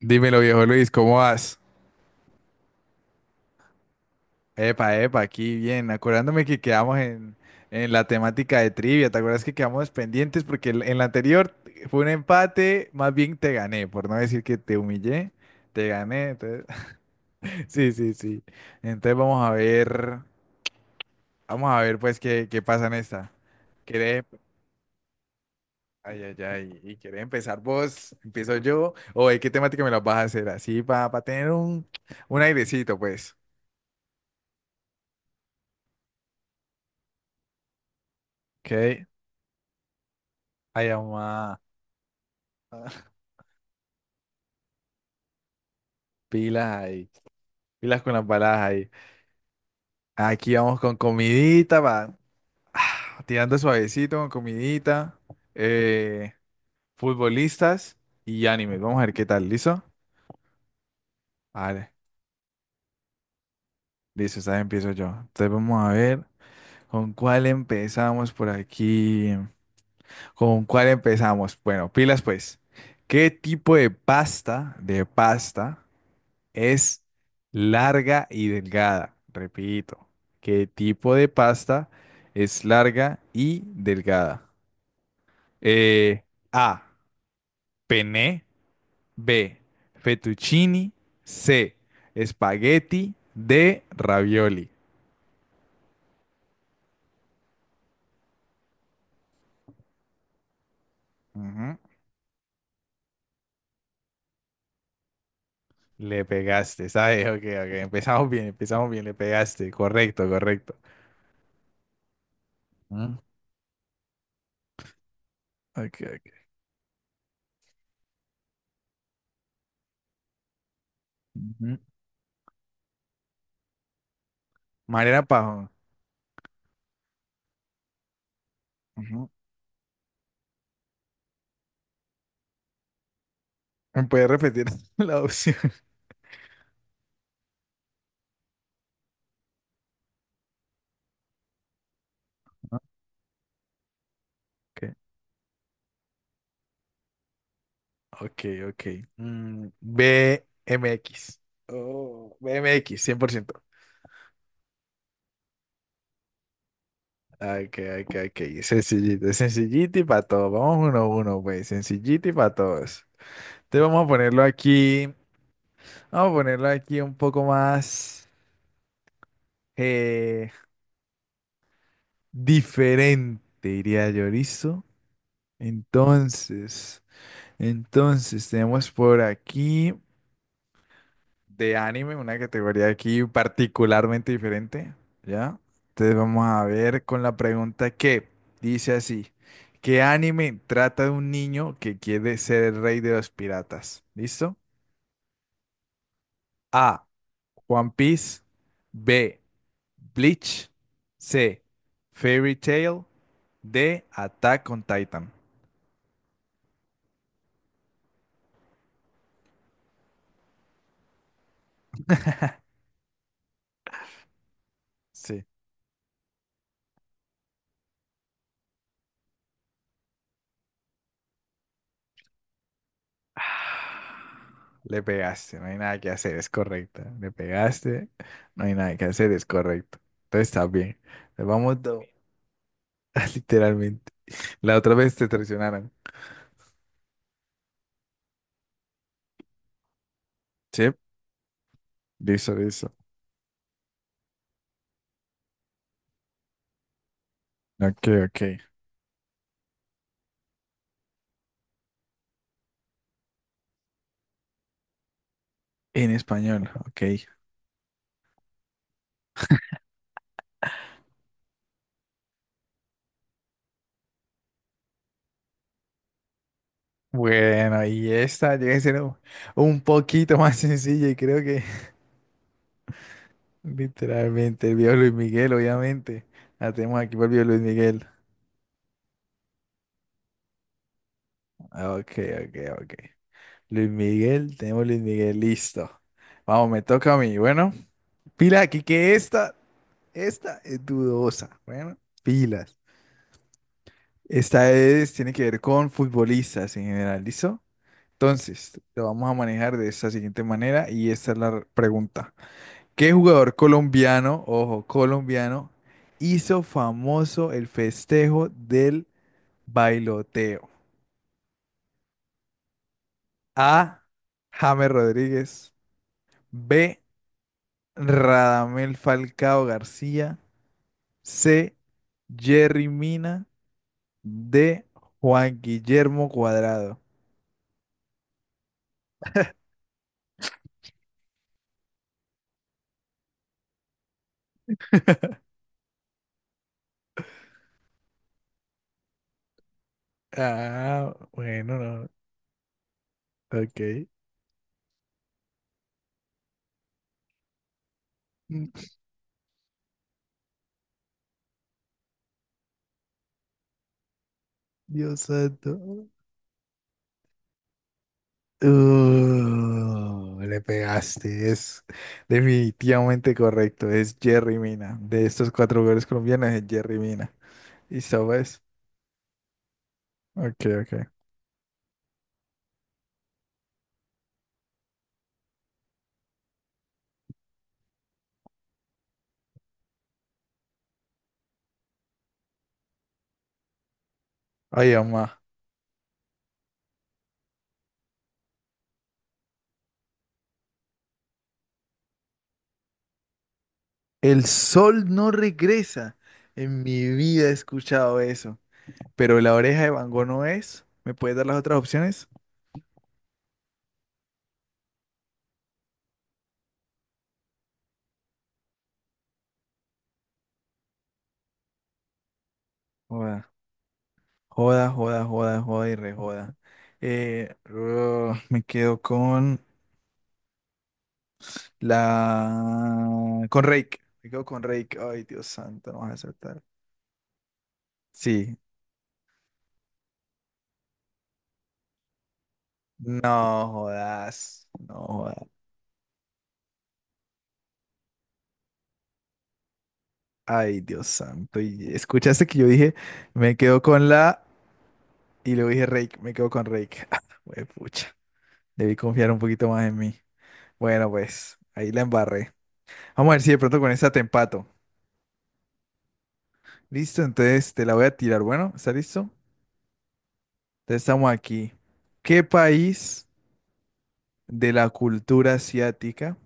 Dímelo, viejo Luis, ¿cómo vas? Epa, epa, aquí bien. Acordándome que quedamos en la temática de trivia. ¿Te acuerdas que quedamos pendientes? Porque en la anterior fue un empate, más bien te gané, por no decir que te humillé, te gané. Sí, sí, sí. Entonces vamos a ver pues qué pasa en esta. ¿Querés? Ay, ay, ay. ¿Y querés empezar vos? ¿Empiezo yo? ¿O de qué temática me la vas a hacer? Así para tener un airecito, pues. Ok. Ay, mamá. Pilas ahí, pilas con las balas ahí. Aquí vamos con comidita, va. Tirando suavecito con comidita. eh, futbolistas y animes. Vamos a ver qué tal, ¿listo? Vale, listo, esta vez empiezo yo. Entonces vamos a ver con cuál empezamos por aquí. ¿Con cuál empezamos? Bueno, pilas pues. ¿Qué tipo de pasta es larga y delgada? Repito, ¿qué tipo de pasta es larga y delgada? Eh, A. Penne. B. Fettuccini. C. Espagueti. D. Ravioli. Ujú. Le pegaste, ¿sabes? Ok, ok. Empezamos bien, empezamos bien. Le pegaste. Correcto, correcto. Mm, ok, ok. Ujú. Mariana Pajón. Ujú. ¿Me puede repetir la opción? Ok. Ok, ok. Mm, BMX. Oh, BMX, 100%. Ah, ok, ok, ok. Sencillito, sencillito y para todos. Vamos uno a uno, pues. Sencillito y para todos. Entonces vamos a ponerlo aquí. Vamos a ponerlo aquí un poco más eh, diferente, diría yo, ¿listo? Entonces, entonces tenemos por aquí de anime, una categoría aquí particularmente diferente, ¿ya? Entonces vamos a ver con la pregunta que dice así, ¿qué anime trata de un niño que quiere ser el rey de los piratas? ¿Listo? A, One Piece, B, Bleach, C, Fairy Tail, D, Attack on Titan. Sí. Le pegaste, no hay nada que hacer, es correcta. Le pegaste, no hay nada que hacer, es correcto. Entonces está bien. Le vamos dos, literalmente. La otra vez te traicionaron. Sí, listo, listo. Ok, ok. En español, ok. Bueno, y esta llega a ser un poquito más sencilla y creo que literalmente el viejo Luis Miguel, obviamente. La tenemos aquí por el viejo Luis Miguel. Ah, ok, ok, ok. Luis Miguel, tenemos Luis Miguel, listo. Vamos, me toca a mí, bueno. Pila aquí que esta es dudosa. Bueno, pilas. Esta es, tiene que ver con futbolistas en general, ¿listo? Entonces, lo vamos a manejar de esta siguiente manera y esta es la pregunta. ¿Qué jugador colombiano, ojo, colombiano, hizo famoso el festejo del bailoteo? A. James Rodríguez. B. Radamel Falcao García. C. Jerry Mina. De Juan Guillermo Cuadrado. Ah, bueno, no. Ok. Mm, Dios santo. Le pegaste. Es definitivamente correcto. Es Jerry Mina. De estos cuatro jugadores colombianos es Jerry Mina. ¿Y sabes? Ok, ok. Ay, mamá. El sol no regresa. En mi vida he escuchado eso. Pero la oreja de Van Gogh no es. ¿Me puedes dar las otras opciones? Joda, joda, joda, joda y rejoda. Me quedo con la... Con Rake. Me quedo con Rake. Ay, Dios santo, no vas a acertar. Sí. No jodas. No jodas. Ay, Dios santo. Y escuchaste que yo dije, me quedo con la... Y luego dije Rake. Me quedo con Rake. Güey, pucha. Debí confiar un poquito más en mí. Bueno, pues, ahí la embarré. Vamos a ver si de pronto con esta te empato. Listo, entonces te la voy a tirar. Bueno, ¿está listo? Entonces, estamos aquí. ¿Qué país de la cultura asiática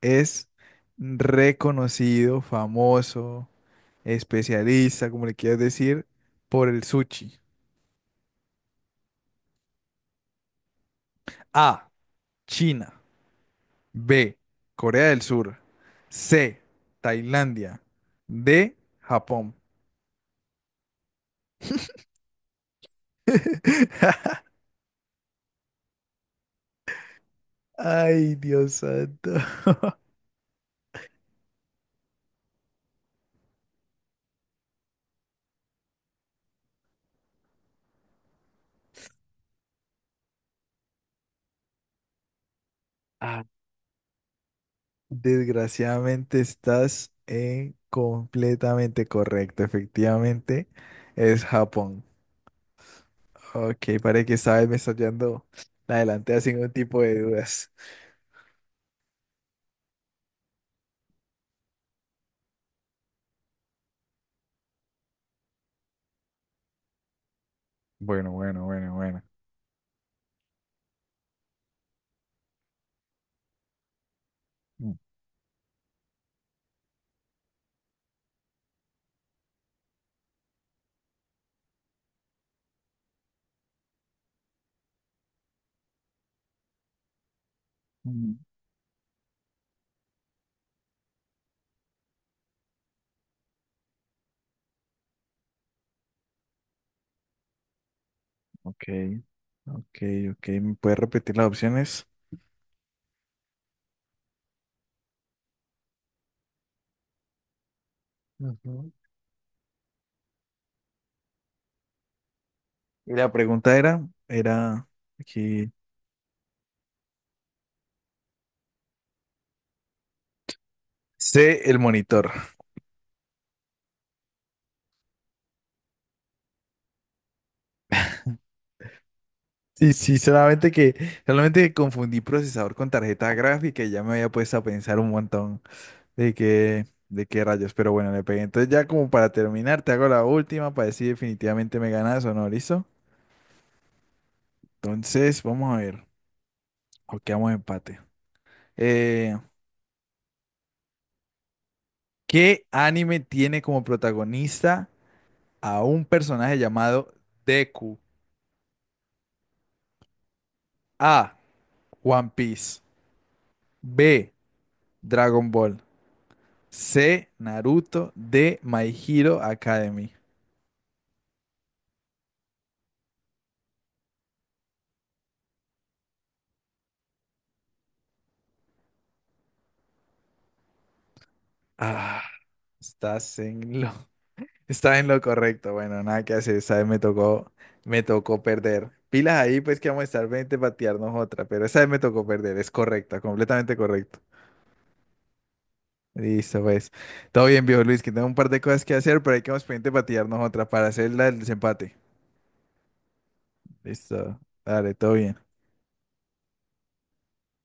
es reconocido, famoso, especialista, como le quieras decir, por el sushi? A. China. B. Corea del Sur. C. Tailandia. D. Japón. Ay, Dios santo. Ah, desgraciadamente estás en completamente correcto. Efectivamente, es Japón. Ok, parece que esta vez me estás llevando la delantera sin ningún tipo de dudas. Bueno, bueno, bueno, bueno. Mm, mm, ok, ok, ok. ¿Me puedes repetir las opciones? Ujú. Y la pregunta era aquí. Sé el monitor. Sí, sí, solamente solamente que confundí procesador con tarjeta gráfica y ya me había puesto a pensar un montón. De qué rayos, pero bueno, le pegué. Entonces ya como para terminar, te hago la última para decir definitivamente me ganas o no, ¿listo? Entonces, vamos a ver. O quedamos empate. Eh, ¿Qué anime tiene como protagonista a un personaje llamado Deku? A. One Piece. B. Dragon Ball. C. Naruto. D. My Hero Academy. Ah, estás en lo Está en lo correcto, bueno, nada que hacer, esta vez me me tocó perder. Pilas ahí, pues que vamos a estar 20 patearnos otra, pero esa vez me tocó perder, es correcta, completamente correcto. Listo, pues. Todo bien, viejo Luis, que tengo un par de cosas que hacer, pero hay que vamos pendiente patearnos otra para hacer el desempate. Listo, dale, todo bien.